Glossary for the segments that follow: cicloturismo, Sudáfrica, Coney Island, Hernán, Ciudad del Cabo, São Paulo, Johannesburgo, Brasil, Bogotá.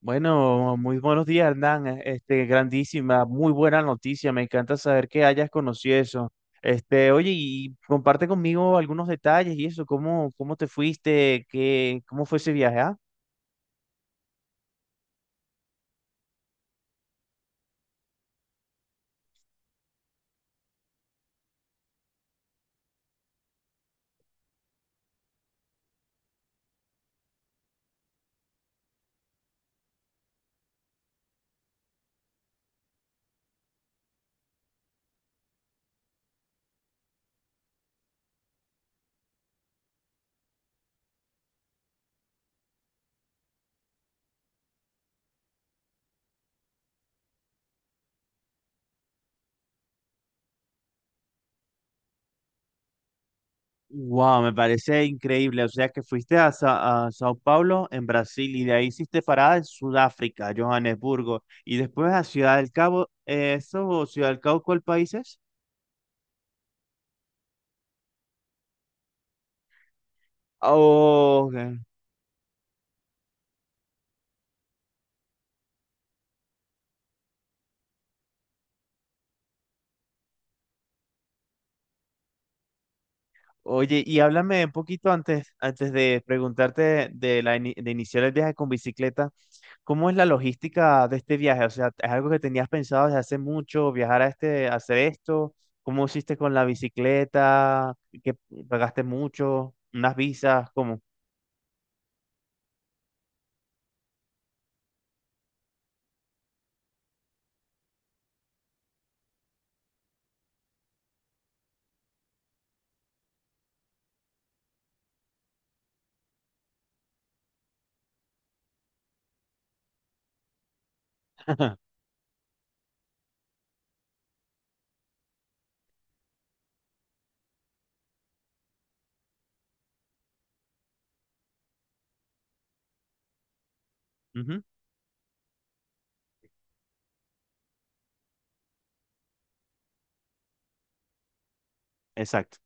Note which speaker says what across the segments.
Speaker 1: Bueno, muy buenos días, Hernán. Grandísima, muy buena noticia. Me encanta saber que hayas conocido eso. Oye, y comparte conmigo algunos detalles y eso, cómo te fuiste, cómo fue ese viaje, ¿ah? Wow, me parece increíble. O sea que fuiste a, a Sao Paulo, en Brasil, y de ahí hiciste parada en Sudáfrica, Johannesburgo, y después a Ciudad del Cabo. ¿Eso, Ciudad del Cabo, cuál país es? Oh, ok. Oye, y háblame un poquito antes, antes de preguntarte de iniciar el viaje con bicicleta, ¿cómo es la logística de este viaje? O sea, ¿es algo que tenías pensado desde hace mucho, viajar a este, hacer esto? ¿Cómo hiciste con la bicicleta? ¿Qué pagaste mucho? ¿Unas visas? ¿Cómo? Ujú. Exacto.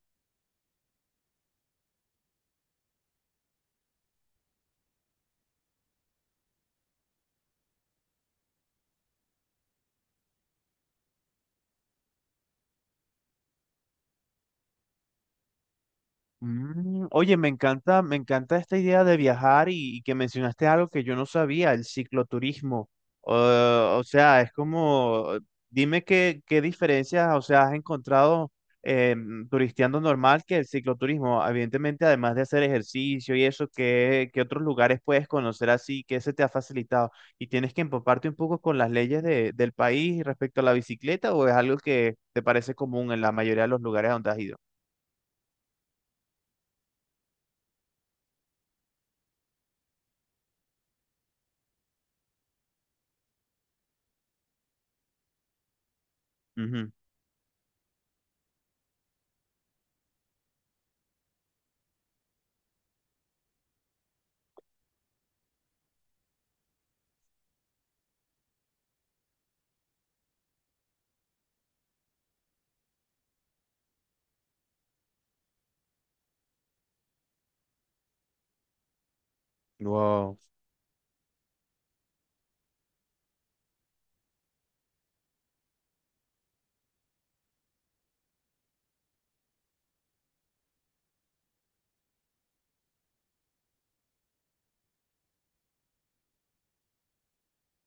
Speaker 1: Mm, oye, me encanta esta idea de viajar y que mencionaste algo que yo no sabía, el cicloturismo. Eh, o sea, es como, dime qué diferencias, o sea, has encontrado eh, turisteando normal que el cicloturismo. Evidentemente, además de hacer ejercicio y eso, ¿ qué otros lugares puedes conocer así? ¿Qué se te ha facilitado? ¿Y tienes que empaparte un poco con las leyes del país respecto a la bicicleta o es algo que te parece común en la mayoría de los lugares donde has ido? Ujú. Wow.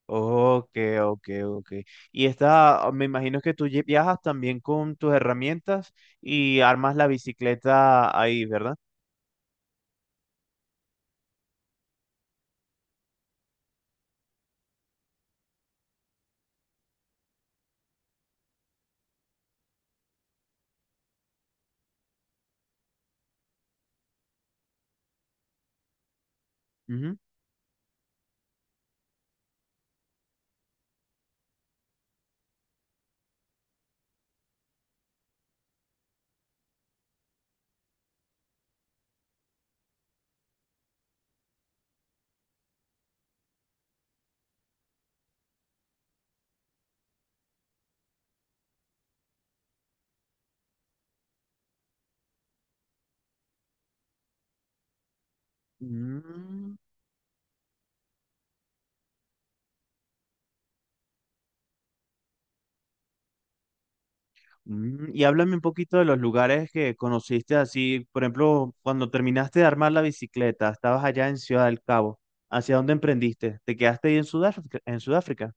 Speaker 1: Ok, ok, ok. Y esta, me imagino que viajas también con tus herramientas y armas la bicicleta ahí, ¿verdad? Ujú. Mm, mm. Y háblame un poquito de los lugares que conociste así, por ejemplo, cuando terminaste de armar la bicicleta, estabas allá en Ciudad del Cabo, ¿hacia dónde emprendiste? ¿Te quedaste ahí en Sudáfrica, en Sudáfrica?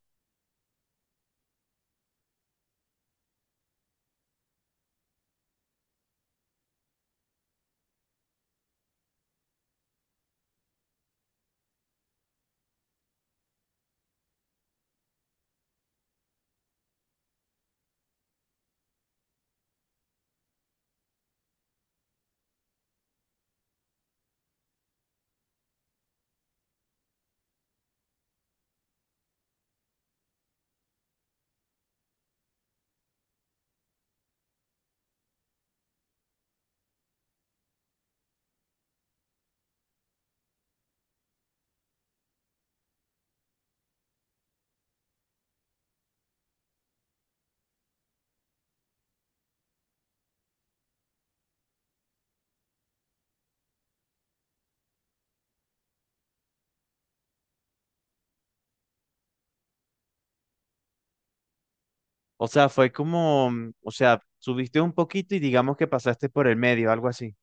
Speaker 1: O sea, fue como, mm, o sea, subiste un poquito y digamos que pasaste por el medio, algo así.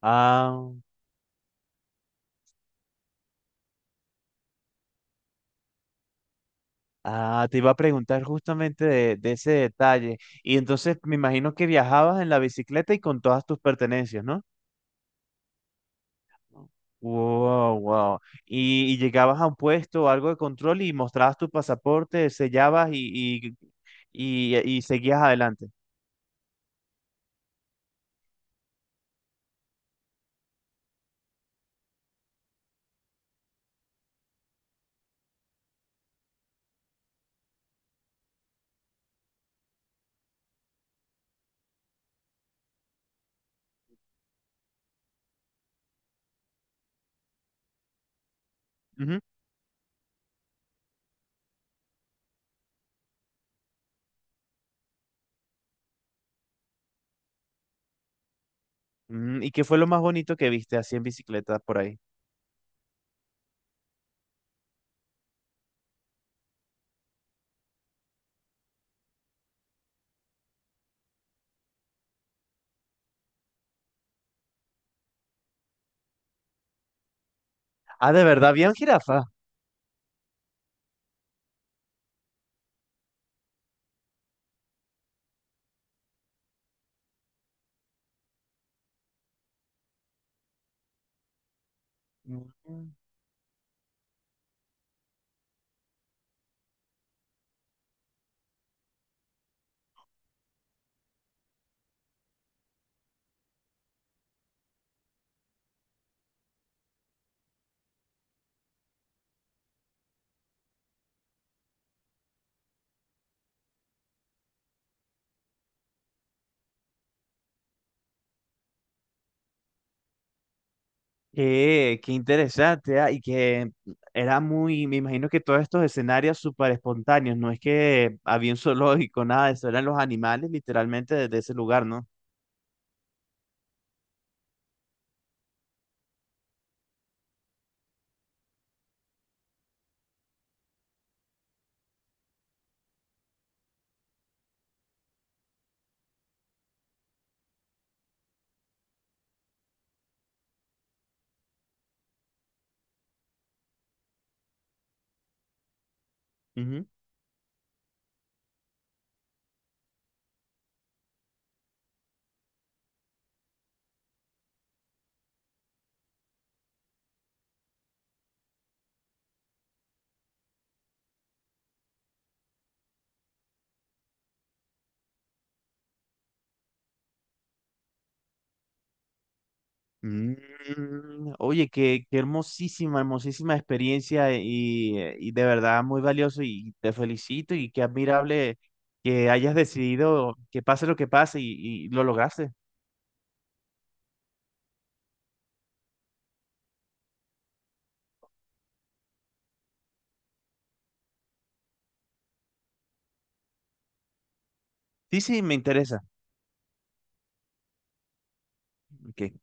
Speaker 1: Ah. Ah, te iba a preguntar justamente de ese detalle. Y entonces me imagino que viajabas en la bicicleta y con todas tus pertenencias, ¿no? Wow, wow. Y llegabas a un puesto o algo de control y mostrabas tu pasaporte, sellabas y seguías adelante. Ujú. Mm, ¿y qué fue lo más bonito que viste así en bicicleta por ahí? Ah, de verdad, bien jirafa. Qué interesante, ah, y que era muy, me imagino que todos estos escenarios súper espontáneos, no es que había un zoológico, nada de eso, eran los animales literalmente desde ese lugar, ¿no? Ujú. Mm, oye, qué hermosísima, hermosísima experiencia y de verdad muy valioso y te felicito y qué admirable que hayas decidido que pase lo que pase y lo lograste. Sí, sí, me interesa. Ok.